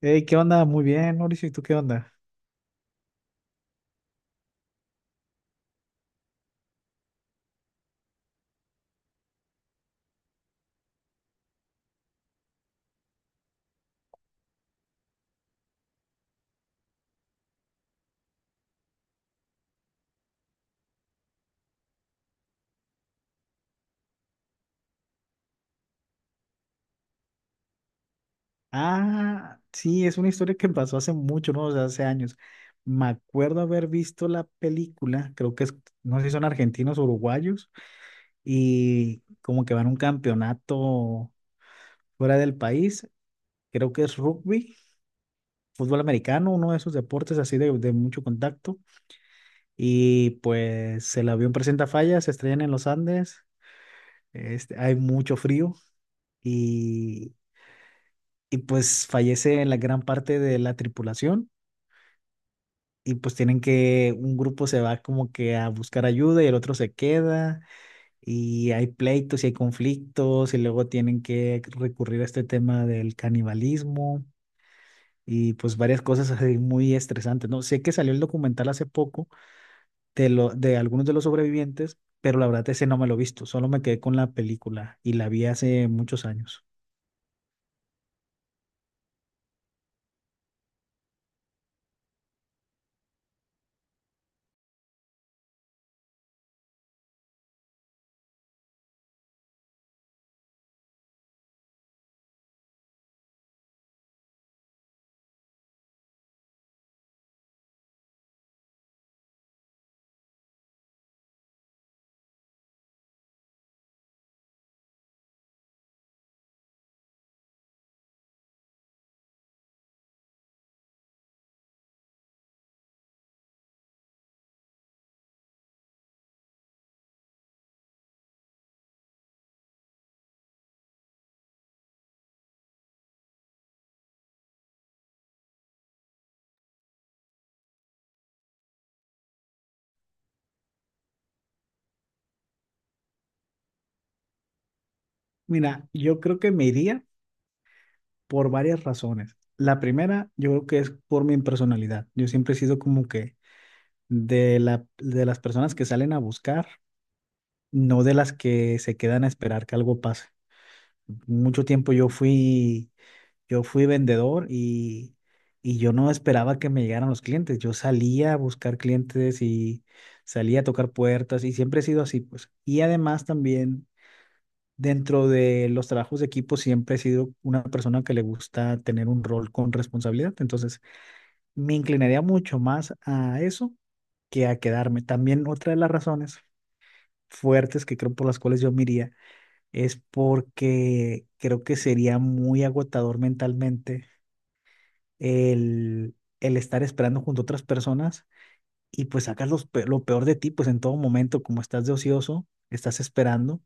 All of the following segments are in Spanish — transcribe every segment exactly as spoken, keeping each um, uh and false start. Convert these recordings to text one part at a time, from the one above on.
Hey, ¿qué onda? Muy bien, Mauricio, ¿y tú qué onda? Ah, sí, es una historia que pasó hace mucho, ¿no? O sea, hace años. Me acuerdo haber visto la película, creo que es, no sé si son argentinos o uruguayos, y como que van a un campeonato fuera del país, creo que es rugby, fútbol americano, uno de esos deportes así de, de mucho contacto, y pues el avión presenta fallas, se estrellan en los Andes, este, hay mucho frío. Y, y pues fallece la gran parte de la tripulación y pues tienen que, un grupo se va como que a buscar ayuda y el otro se queda y hay pleitos y hay conflictos y luego tienen que recurrir a este tema del canibalismo y pues varias cosas así muy estresantes, ¿no? Sé que salió el documental hace poco de, lo, de algunos de los sobrevivientes, pero la verdad ese no me lo he visto, solo me quedé con la película y la vi hace muchos años. Mira, yo creo que me iría por varias razones. La primera, yo creo que es por mi personalidad. Yo siempre he sido como que de la, de las personas que salen a buscar, no de las que se quedan a esperar que algo pase. Mucho tiempo yo fui, Yo fui vendedor y, y yo no esperaba que me llegaran los clientes. Yo salía a buscar clientes y salía a tocar puertas y siempre he sido así, pues. Y además también dentro de los trabajos de equipo siempre he sido una persona que le gusta tener un rol con responsabilidad, entonces me inclinaría mucho más a eso que a quedarme. También otra de las razones fuertes que creo por las cuales yo me iría es porque creo que sería muy agotador mentalmente el, el estar esperando junto a otras personas y pues sacas los pe- lo peor de ti, pues en todo momento como estás de ocioso, estás esperando,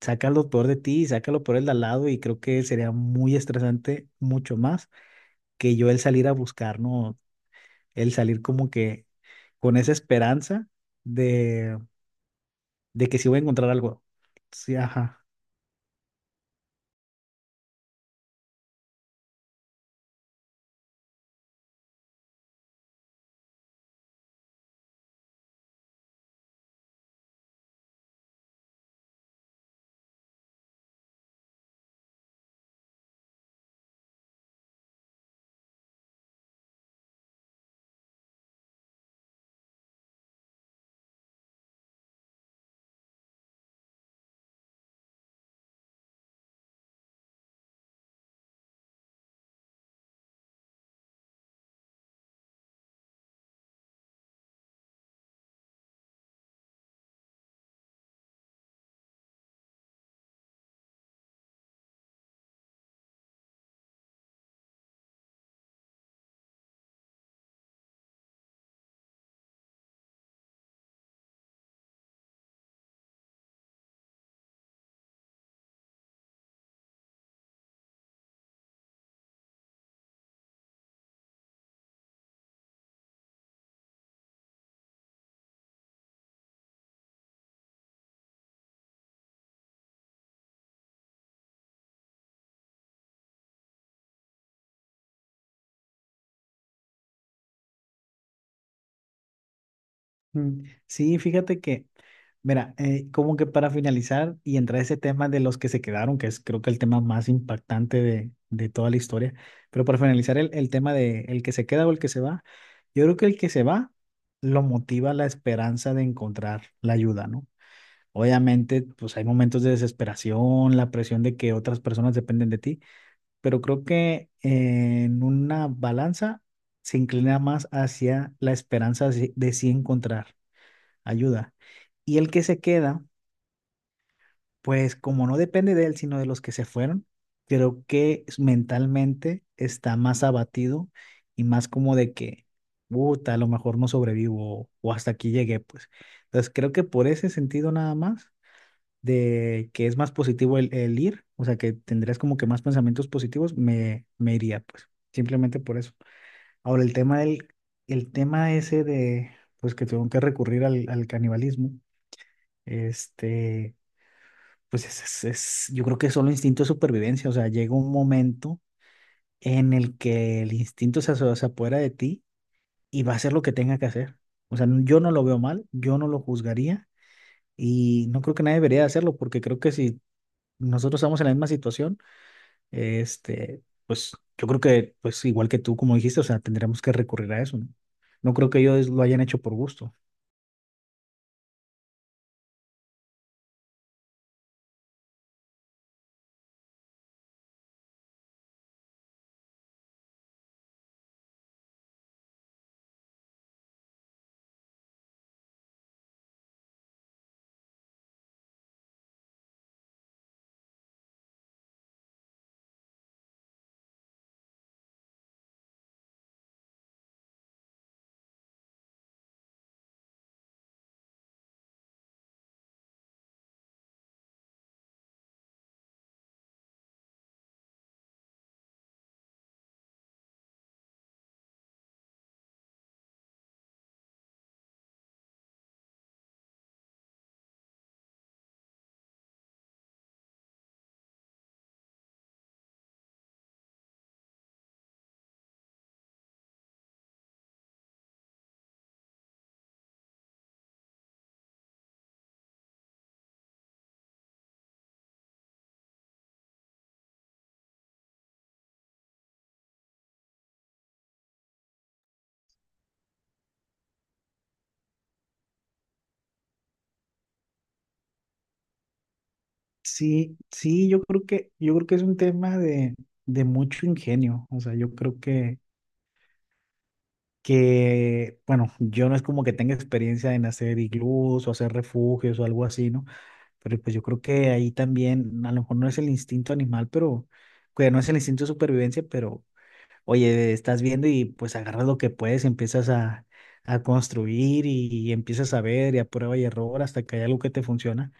saca lo peor de ti y saca lo peor del de al lado, y creo que sería muy estresante mucho más que yo el salir a buscar, ¿no? El salir como que con esa esperanza de, de que sí voy a encontrar algo. Sí, ajá. Mm. Sí, fíjate que mira, eh, como que para finalizar y entrar a ese tema de los que se quedaron, que es creo que el tema más impactante de, de toda la historia, pero para finalizar el, el tema de el que se queda o el que se va, yo creo que el que se va lo motiva la esperanza de encontrar la ayuda, ¿no? Obviamente, pues hay momentos de desesperación, la presión de que otras personas dependen de ti, pero creo que eh, en una balanza se inclina más hacia la esperanza de sí, de sí encontrar ayuda. Y el que se queda pues como no depende de él, sino de los que se fueron, creo que s- mentalmente está más abatido y más como de que, puta, a lo mejor no sobrevivo o o hasta aquí llegué, pues. Entonces creo que por ese sentido nada más, de que es más positivo el, el ir, o sea, que tendrías como que más pensamientos positivos, me, me iría, pues, simplemente por eso. Ahora, el tema del, el tema ese de, pues, que tengo que recurrir al, al canibalismo, este... Pues es, es- es- yo creo que es solo instinto de supervivencia, o sea, llega un momento en el que el instinto se, aso- se apodera de ti y va a hacer lo que tenga que hacer. O sea, n- yo no lo veo mal, yo no lo juzgaría y no creo que nadie debería hacerlo porque creo que si nosotros estamos en la misma situación, este, pues yo creo que, pues igual que tú, como dijiste, o sea, tendremos que recurrir a eso, ¿no? No creo que ellos lo hayan hecho por gusto. Sí, sí, yo creo que, yo creo que es un tema de, de mucho ingenio. O sea, yo creo que que, bueno, yo no es como que tenga experiencia en hacer iglús o hacer refugios o algo así, ¿no? Pero pues yo creo que ahí también, a lo mejor no es el instinto animal, pero, que no es el instinto de supervivencia, pero, oye, estás viendo y pues agarras lo que puedes, y empiezas a, a construir y empiezas a ver y a prueba y error hasta que hay algo que te funciona.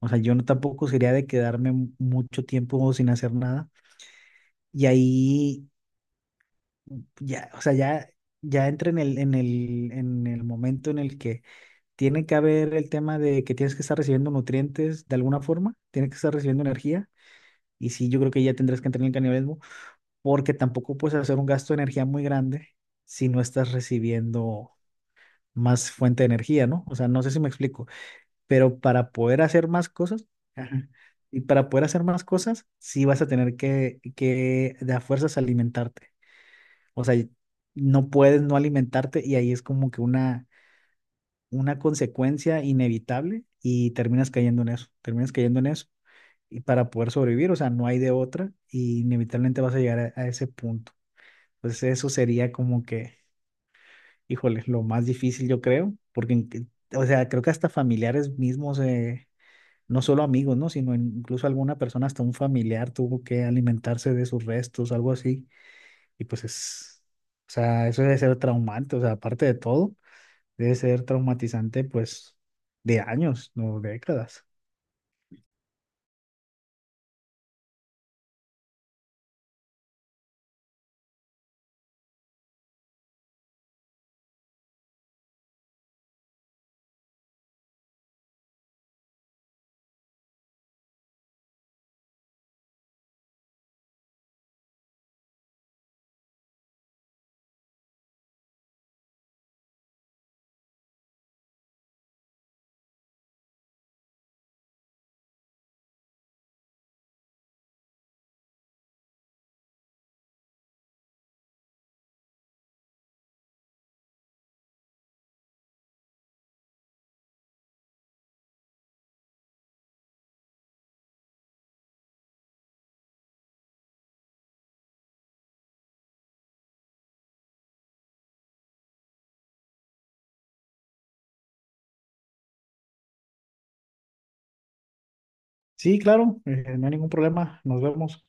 O sea, yo no tampoco sería de quedarme mu- mucho tiempo sin hacer nada. Y ahí ya, o sea, ya, ya entra en el, en el, en el momento en el que tiene que haber el tema de que tienes que estar recibiendo nutrientes de alguna forma, tienes que estar recibiendo energía, y sí, yo creo que ya tendrás que entrar en el canibalismo, porque tampoco puedes hacer un gasto de energía muy grande si no estás recibiendo más fuente de energía, ¿no? O sea, no sé si me explico, pero para poder hacer más cosas, ajá. Y para poder hacer más cosas, sí vas a tener que, que de a fuerzas alimentarte. O sea, no puedes no alimentarte y ahí es como que una, una consecuencia inevitable y terminas cayendo en eso, terminas cayendo en eso. Y para poder sobrevivir, o sea, no hay de otra y inevitablemente vas a llegar a, a ese punto. Pues eso sería como que, híjole, lo más difícil yo creo, porque, en que- o sea, creo que hasta familiares mismos, eh, no solo amigos, ¿no? Sino incluso alguna persona, hasta un familiar tuvo que alimentarse de sus restos, algo así. Y pues es, o sea, eso debe ser traumante, o sea, aparte de todo, debe ser traumatizante pues de años, no décadas. Sí, claro, eh, no hay ningún problema, nos vemos.